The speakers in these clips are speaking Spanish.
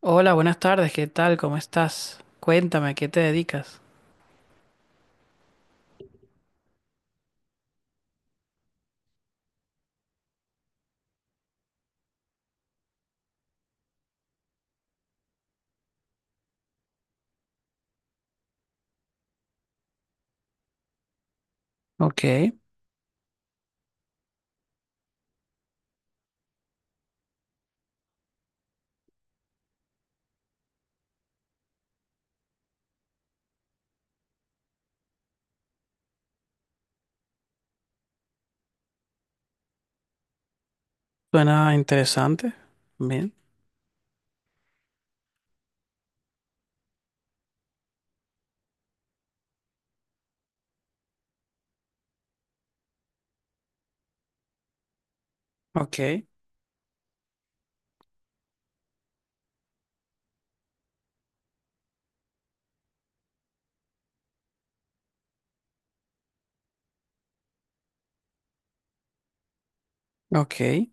Hola, buenas tardes, ¿qué tal? ¿Cómo estás? Cuéntame, ¿a qué te dedicas? Ok, suena interesante. Bien, ok, ok.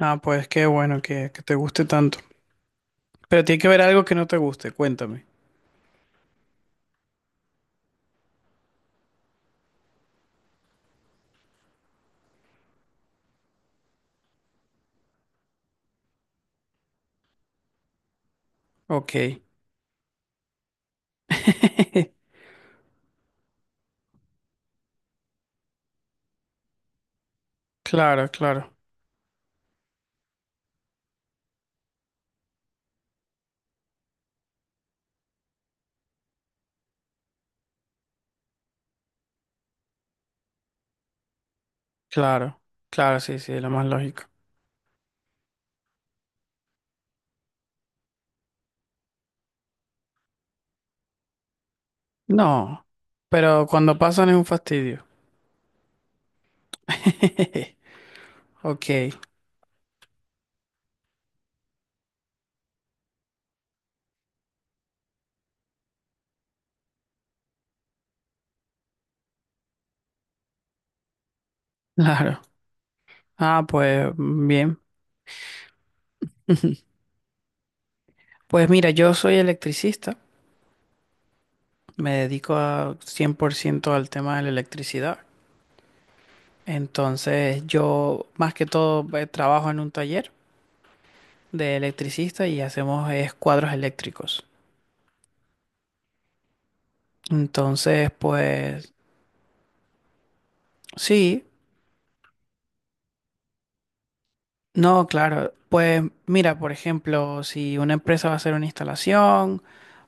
Ah, pues qué bueno que te guste tanto. Pero tiene que haber algo que no te guste, cuéntame. Ok. Claro, claro, claro, claro, sí, sí, lo más lógico. No, pero cuando pasan es un fastidio. Ok, claro. Ah, pues mm, bien. Pues mira, yo soy electricista. Me dedico a 100% al tema de la electricidad. Entonces, yo más que todo trabajo en un taller de electricista y hacemos cuadros eléctricos. Entonces, pues sí, no, claro. Pues mira, por ejemplo, si una empresa va a hacer una instalación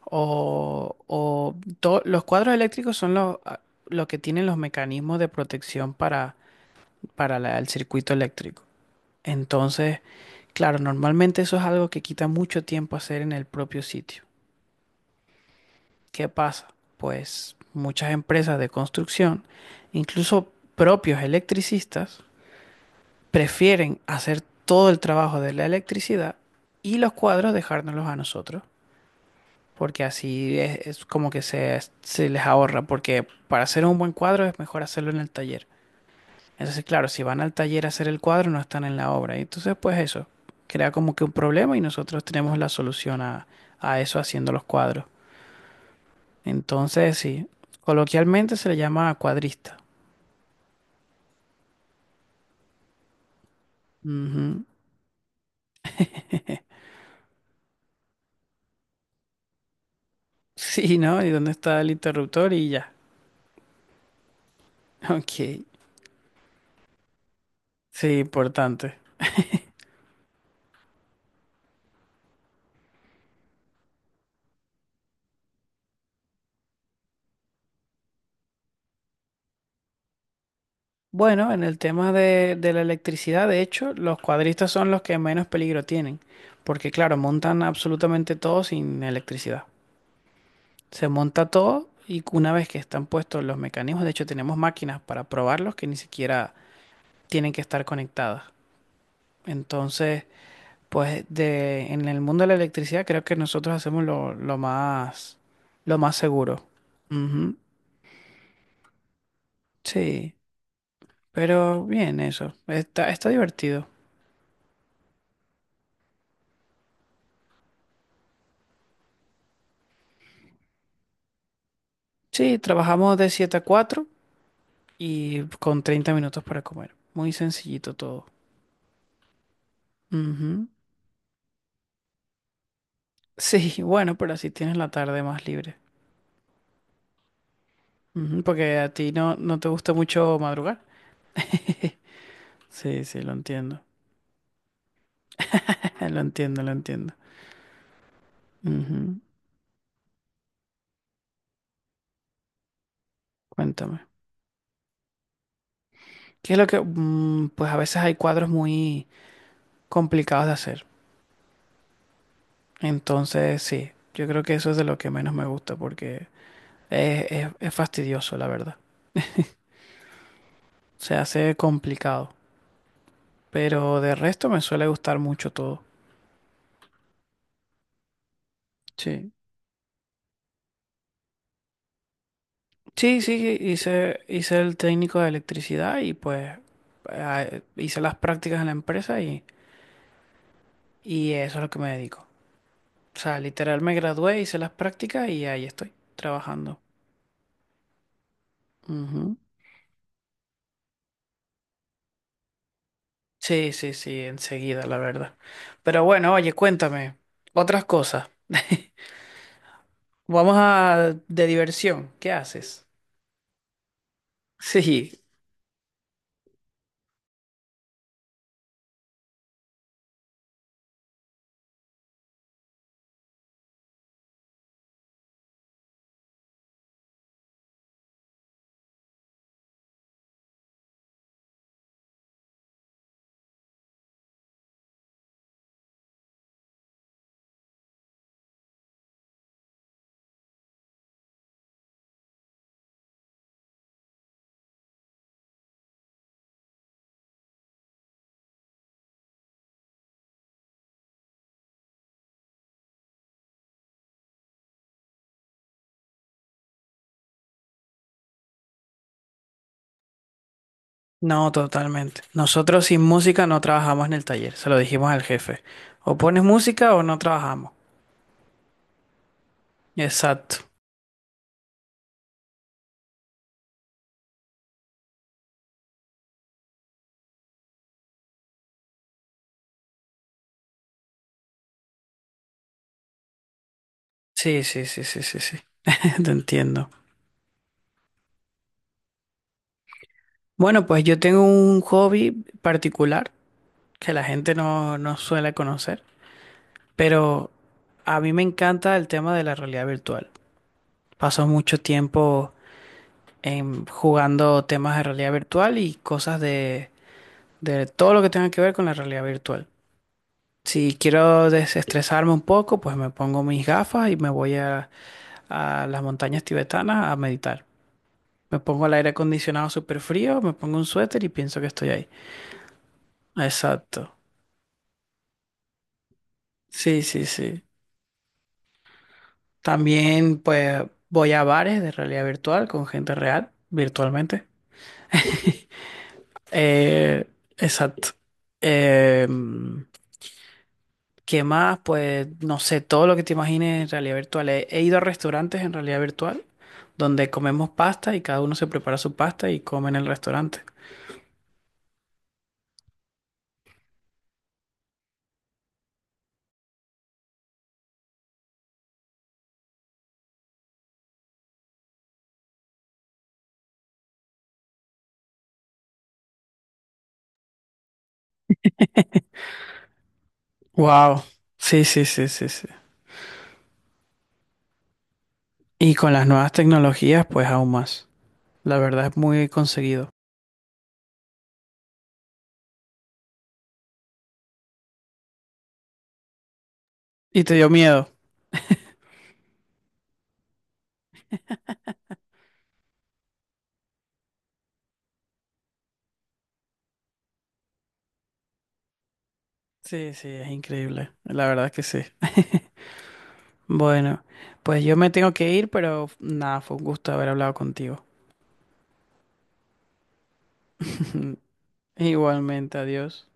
o los cuadros eléctricos son los, ah, lo que tienen los mecanismos de protección para el circuito eléctrico. Entonces, claro, normalmente eso es algo que quita mucho tiempo hacer en el propio sitio. ¿Qué pasa? Pues muchas empresas de construcción, incluso propios electricistas, prefieren hacer todo el trabajo de la electricidad y los cuadros dejárnoslos a nosotros, porque así es como que se les ahorra, porque para hacer un buen cuadro es mejor hacerlo en el taller. Entonces, claro, si van al taller a hacer el cuadro, no están en la obra. Y entonces, pues eso, crea como que un problema y nosotros tenemos la solución a eso haciendo los cuadros. Entonces, sí, coloquialmente se le llama cuadrista. Ujú. Sí, ¿no? ¿Y dónde está el interruptor? Y ya. Ok. Sí, importante. Bueno, en el tema de la electricidad, de hecho, los cuadristas son los que menos peligro tienen, porque claro, montan absolutamente todo sin electricidad. Se monta todo y una vez que están puestos los mecanismos, de hecho tenemos máquinas para probarlos que ni siquiera tienen que estar conectadas. Entonces, pues de, en el mundo de la electricidad creo que nosotros hacemos lo más seguro. Ujú, sí, pero bien eso. Está, está divertido. Sí, trabajamos de 7 a 4 y con 30 minutos para comer. Muy sencillito todo. Ujú. Sí, bueno, pero así tienes la tarde más libre. Ujú, porque a ti no, no te gusta mucho madrugar. Sí, sí, lo entiendo. Lo entiendo, lo entiendo. Ujú. Cuéntame. ¿Qué es lo que...? Mm, pues a veces hay cuadros muy complicados de hacer. Entonces, sí, yo creo que eso es de lo que menos me gusta porque es fastidioso, la verdad. Se hace complicado. Pero de resto me suele gustar mucho todo. Sí. Sí, sí, hice el técnico de electricidad y pues hice las prácticas en la empresa y eso es lo que me dedico. O sea, literal me gradué, hice las prácticas y ahí estoy, trabajando. Ujú. Sí, sí, sí, enseguida, la verdad. Pero bueno, oye, cuéntame, otras cosas. Vamos a de diversión, ¿qué haces? Sí, no, totalmente. Nosotros sin música no trabajamos en el taller, se lo dijimos al jefe. O pones música o no trabajamos. Exacto. Sí, sí, sí, sí, sí, sí. Te entiendo. Bueno, pues yo tengo un hobby particular que la gente no, no suele conocer. Pero a mí me encanta el tema de la realidad virtual. Paso mucho tiempo en, jugando temas de realidad virtual y cosas de todo lo que tenga que ver con la realidad virtual. Si quiero desestresarme un poco, pues me pongo mis gafas y me voy a las montañas tibetanas a meditar. Me pongo el aire acondicionado súper frío, me pongo un suéter y pienso que estoy ahí. Exacto. Sí, sí, sí. También pues voy a bares de realidad virtual con gente real, virtualmente. Eh, exacto. Eh, ¿Qué más? Pues no sé, todo lo que te imagines en realidad virtual. He ido a restaurantes en realidad virtual donde comemos pasta y cada uno se prepara su pasta y come en el restaurante. Wow. Sí, sí, sí, sí, sí. Y con las nuevas tecnologías, pues aún más. La verdad es muy conseguido. ¿Y te dio miedo? Sí, sí, es increíble. La verdad es que sí. Bueno, pues yo me tengo que ir, pero nada, fue un gusto haber hablado contigo. Igualmente, adiós.